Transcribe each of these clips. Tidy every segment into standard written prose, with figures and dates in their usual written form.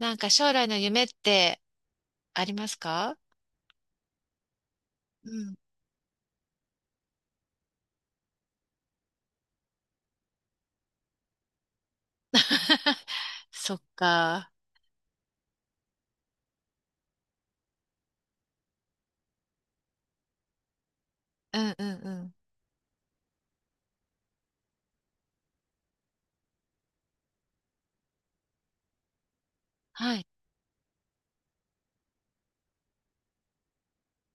なんか将来の夢ってありますか？うん。そっか。うんうんうん。はい。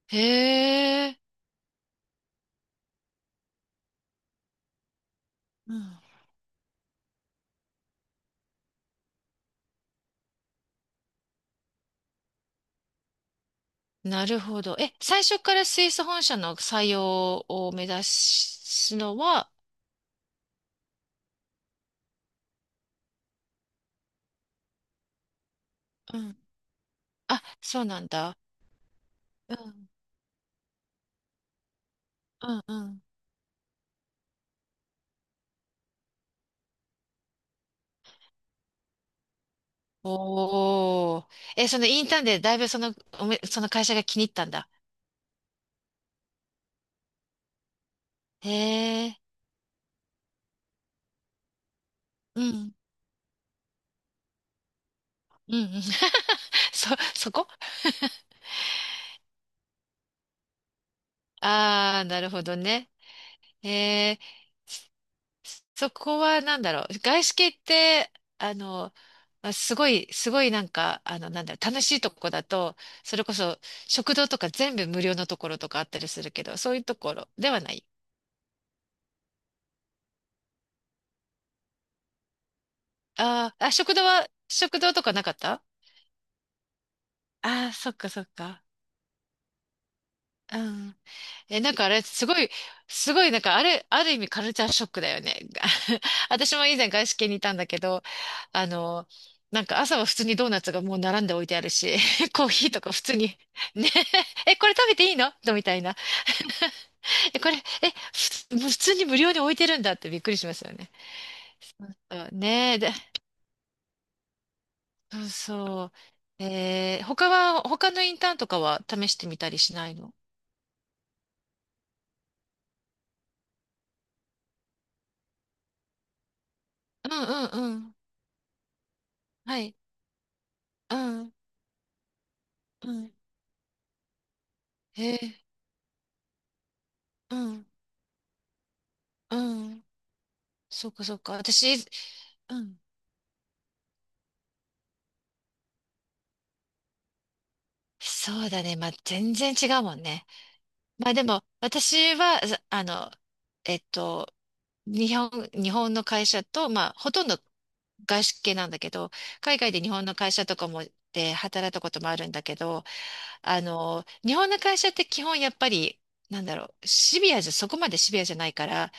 へえ、うん。なるほど。え、最初からスイス本社の採用を目指すのは？うん。あ、そうなんだ。うんうんうん。おー。え、そのインターンでだいぶその、その会社が気に入ったんだ。へえ。うん。うんうん。そ、そこ、ああー、なるほどね。へえ。そこはなんだろう。外資系って、あの、まあすごい、なんか、なんだろう、楽しいとこだと、それこそ食堂とか全部無料のところとかあったりするけど、そういうところではない？あーあ、食堂とかなかった？ああー、そっかそっか。うん。え、なんかあれ、すごい、なんかあれ、ある意味カルチャーショックだよね。私も以前外資系にいたんだけど、あの、なんか朝は普通にドーナツがもう並んで置いてあるし、コーヒーとか普通に、ね、え、これ食べていいのみたいな。え、これ、え、ふ普通に無料に置いてるんだってびっくりしますよね。そうそう、ねえ、で、そうそう。えー、他は、他のインターンとかは試してみたりしないの？うんうんうん。はい。うんうん。へえ。うん。うん。そうかそうか。私、うん、そうだね。まあ、全然違うもんね。まあでも、私は、ざあの、えっと、日本、日本の会社と、まあ、ほとんど外資系なんだけど、海外で日本の会社とかもで働いたこともあるんだけど、あの、日本の会社って基本やっぱり、なんだろう、シビアじゃ、そこまでシビアじゃないから、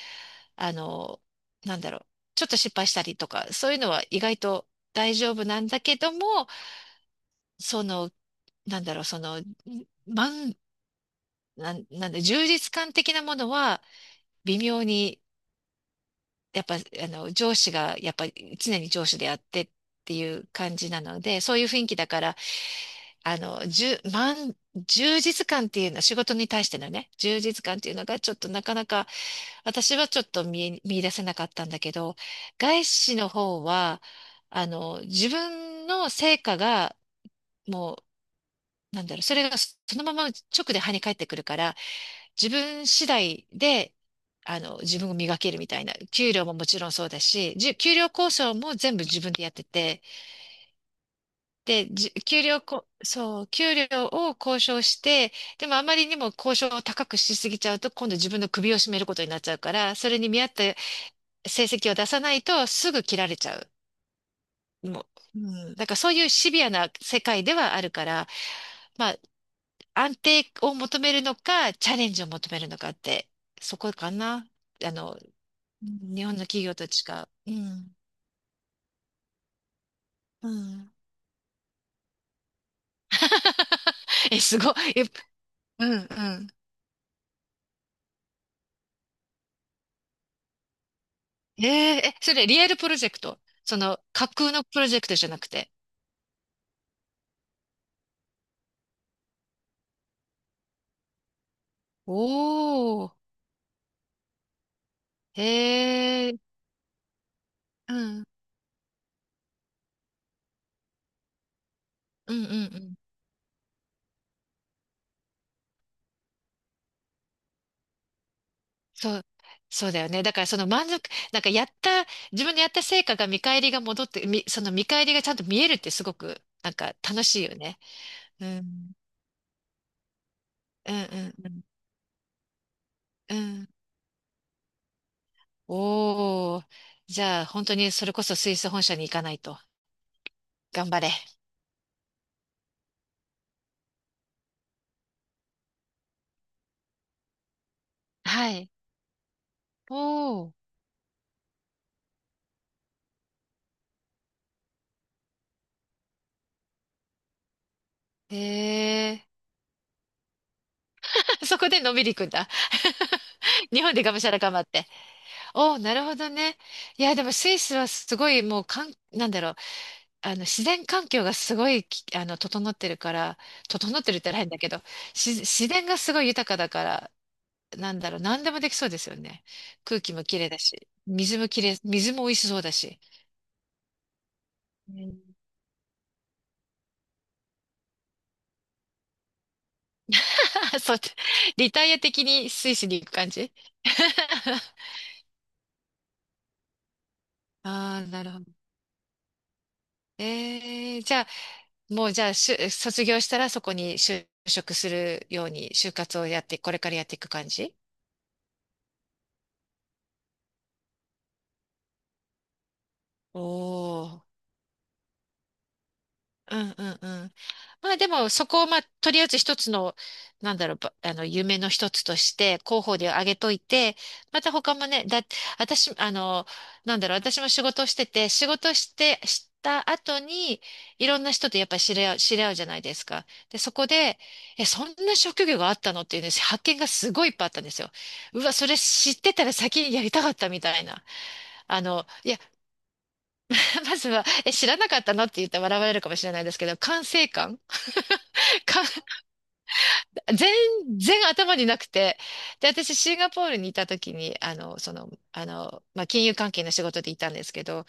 あの、なんだろう、ちょっと失敗したりとか、そういうのは意外と大丈夫なんだけども、その、なんだろう、その、満、なん、なんだ、充実感的なものは、微妙に、やっぱ、あの、上司が、やっぱり常に上司であってっていう感じなので、そういう雰囲気だから、あの、じゅ、満、充実感っていうのは、仕事に対してのね、充実感っていうのが、ちょっとなかなか、私はちょっと見え、見出せなかったんだけど、外資の方は、あの、自分の成果が、もう、なんだろう、それがそのまま直で跳ね返ってくるから、自分次第で、あの、自分を磨けるみたいな、給料ももちろんそうだし、給料交渉も全部自分でやってて、で、じ給料こ、そう、給料を交渉して、でもあまりにも交渉を高くしすぎちゃうと、今度自分の首を絞めることになっちゃうから、それに見合った成績を出さないとすぐ切られちゃう。もう、うん、だからそういうシビアな世界ではあるから、まあ、安定を求めるのか、チャレンジを求めるのかって、そこかな。あの、日本の企業と違う。うん。うん。え、すごい。え、うん、うん。えー、え、それリアルプロジェクト？その架空のプロジェクトじゃなくて？おお、へえ。うん。うんうんうん。そう。そうだよね。だからその満足、なんかやった、自分でやった成果が見返りが戻って、その見返りがちゃんと見えるってすごく、なんか楽しいよね。うん。うんうんうんうん。おー。じゃあ、本当にそれこそスイス本社に行かないと。頑張れ。はい。おー。へえ。そこでのんびり行くんだ。日本でがむしゃら頑張って。おー、なるほどね。いや、でもスイスはすごいもうかん、なんだろう。あの、自然環境がすごいき、あの、整ってるから、整ってるって言ったら変だけど、自然がすごい豊かだから、なんだろう。何でもできそうですよね。空気も綺麗だし、水もきれい水も美味しそうだし。うん。 そう、リタイア的にスイスに行く感じ？ ああ、なるほど。えー、じゃあ、卒業したらそこに就職するように、就活をやって、これからやっていく感じ？お、おー。うんうんうん。まあでもそこをまあとりあえず一つの、あの、夢の一つとして広報で挙げといて、また他もね、私、あの、なんだろう、私も仕事をしてて、仕事して、した後に、いろんな人とやっぱり知り合うじゃないですか。で、そこで、え、そんな職業があったのっていうね、発見がすごいいっぱいあったんですよ。うわ、それ知ってたら先にやりたかったみたいな。あの、いや、まずは、え、知らなかったのって言ったら笑われるかもしれないですけど、管制官。か、全然頭になくて。で、私、シンガポールにいた時に、まあ、金融関係の仕事でいたんですけど、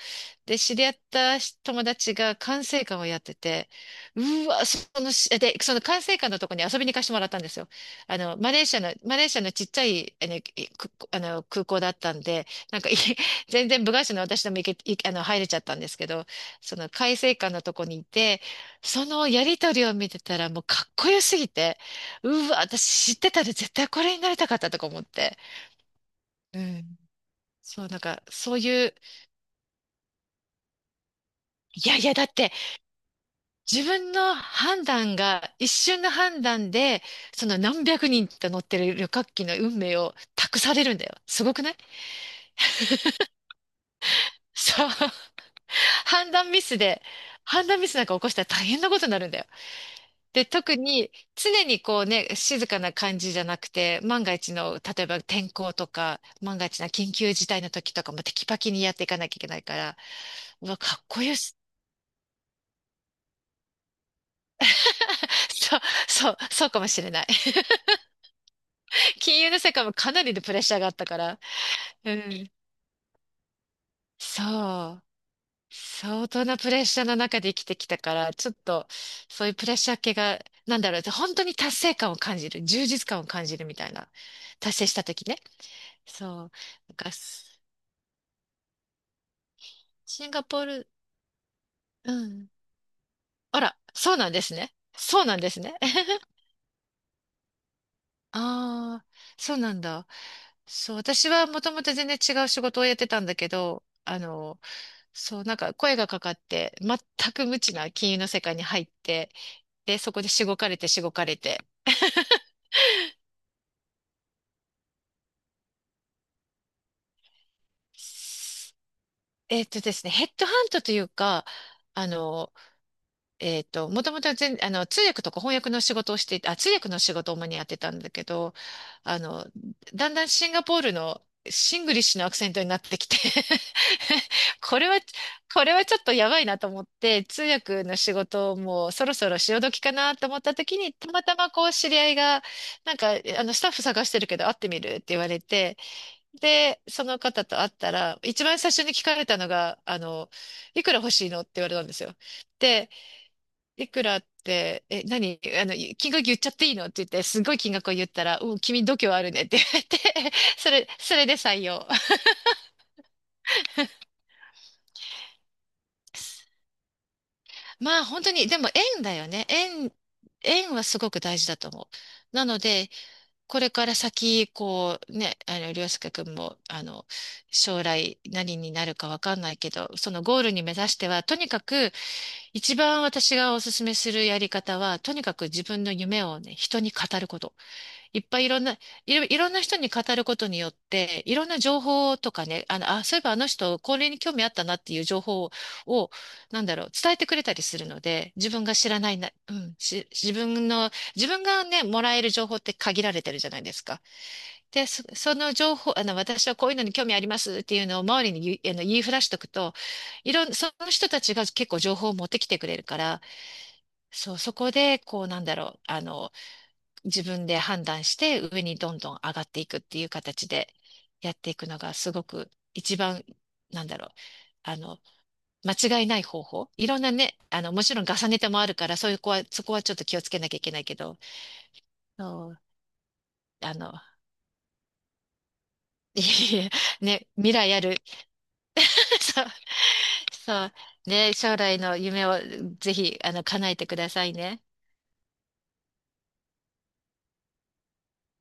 で、知り合った友達が管制官をやってて、うわ、そのし、で、その管制官のとこに遊びに行かせてもらったんですよ。あの、マレーシアのちっちゃい、あの空港だったんで、なんか、い 全然部外者の私でも行け、いあの、入れちゃったんですけど、その管制官のとこにいて、そのやりとりを見てたらもうかっこよすぎて、うわ、私知ってたで絶対これになりたかったとか思って。うん。そう、なんか、いやいや、だって、自分の判断が、一瞬の判断で、その何百人と乗ってる旅客機の運命を託されるんだよ。すごくない？そう。判断ミスで、判断ミスなんか起こしたら大変なことになるんだよ。で、特に常にこうね、静かな感じじゃなくて、万が一の、例えば天候とか、万が一な緊急事態の時とかもテキパキにやっていかなきゃいけないから、うわ、かっこよし。そう、そうかもしれない。金融の世界もかなりのプレッシャーがあったから。うん。そう。相当なプレッシャーの中で生きてきたから、ちょっと、そういうプレッシャー系が、なんだろう、本当に達成感を感じる、充実感を感じるみたいな。達成した時ね。そう。なんかシンガポール、うん。あら、そうなんですね。そうなんですね。ああ、そうなんだ。そう、私はもともと全然違う仕事をやってたんだけど、あの、そう、なんか声がかかって、全く無知な金融の世界に入って、で、そこでしごかれて。えっとですね、ヘッドハントというか、あの、もともと全、あの、通訳とか翻訳の仕事をしていたあ、通訳の仕事を主にやってたんだけど、あの、だんだんシンガポールのシングリッシュのアクセントになってきて。 これは、これはちょっとやばいなと思って、通訳の仕事をもうそろそろ潮時かなと思った時に、たまたまこう知り合いが、なんか、スタッフ探してるけど会ってみるって言われて、で、その方と会ったら、一番最初に聞かれたのが、あの、いくら欲しいのって言われたんですよ。で、いくらって、え、何あの、金額言っちゃっていいのって言って、すごい金額を言ったら、うん、君度胸あるねって言われて、それで採用。まあ本当に、でも縁だよね。縁はすごく大事だと思う。なので、これから先、こうね、あの、りょうすけくんも、あの、将来何になるかわかんないけど、そのゴールに目指しては、とにかく、一番私がお勧めするやり方は、とにかく自分の夢をね、人に語ること。いっぱいいろんな、いろ、いろんな人に語ることによって、いろんな情報とかね、あの、あ、そういえばあの人、これに興味あったなっていう情報を、なんだろう、伝えてくれたりするので、自分が知らないな、うん、し、自分の、自分がね、もらえる情報って限られてるじゃないですか。で、その情報、あの、私はこういうのに興味ありますっていうのを周りに言い、あの、言いふらしとくと、いろん、その人たちが結構情報を持ってきてくれるから、そう、そこで、こう、なんだろう、あの、自分で判断して上にどんどん上がっていくっていう形でやっていくのがすごく一番、なんだろう、あの、間違いない方法。いろんなね、あの、もちろん重ねてもあるから、そういう子は、そこはちょっと気をつけなきゃいけないけど、そう、あの、いえいえ、ね、未来ある、そう、そう、ね、将来の夢をぜひ、あの、叶えてくださいね。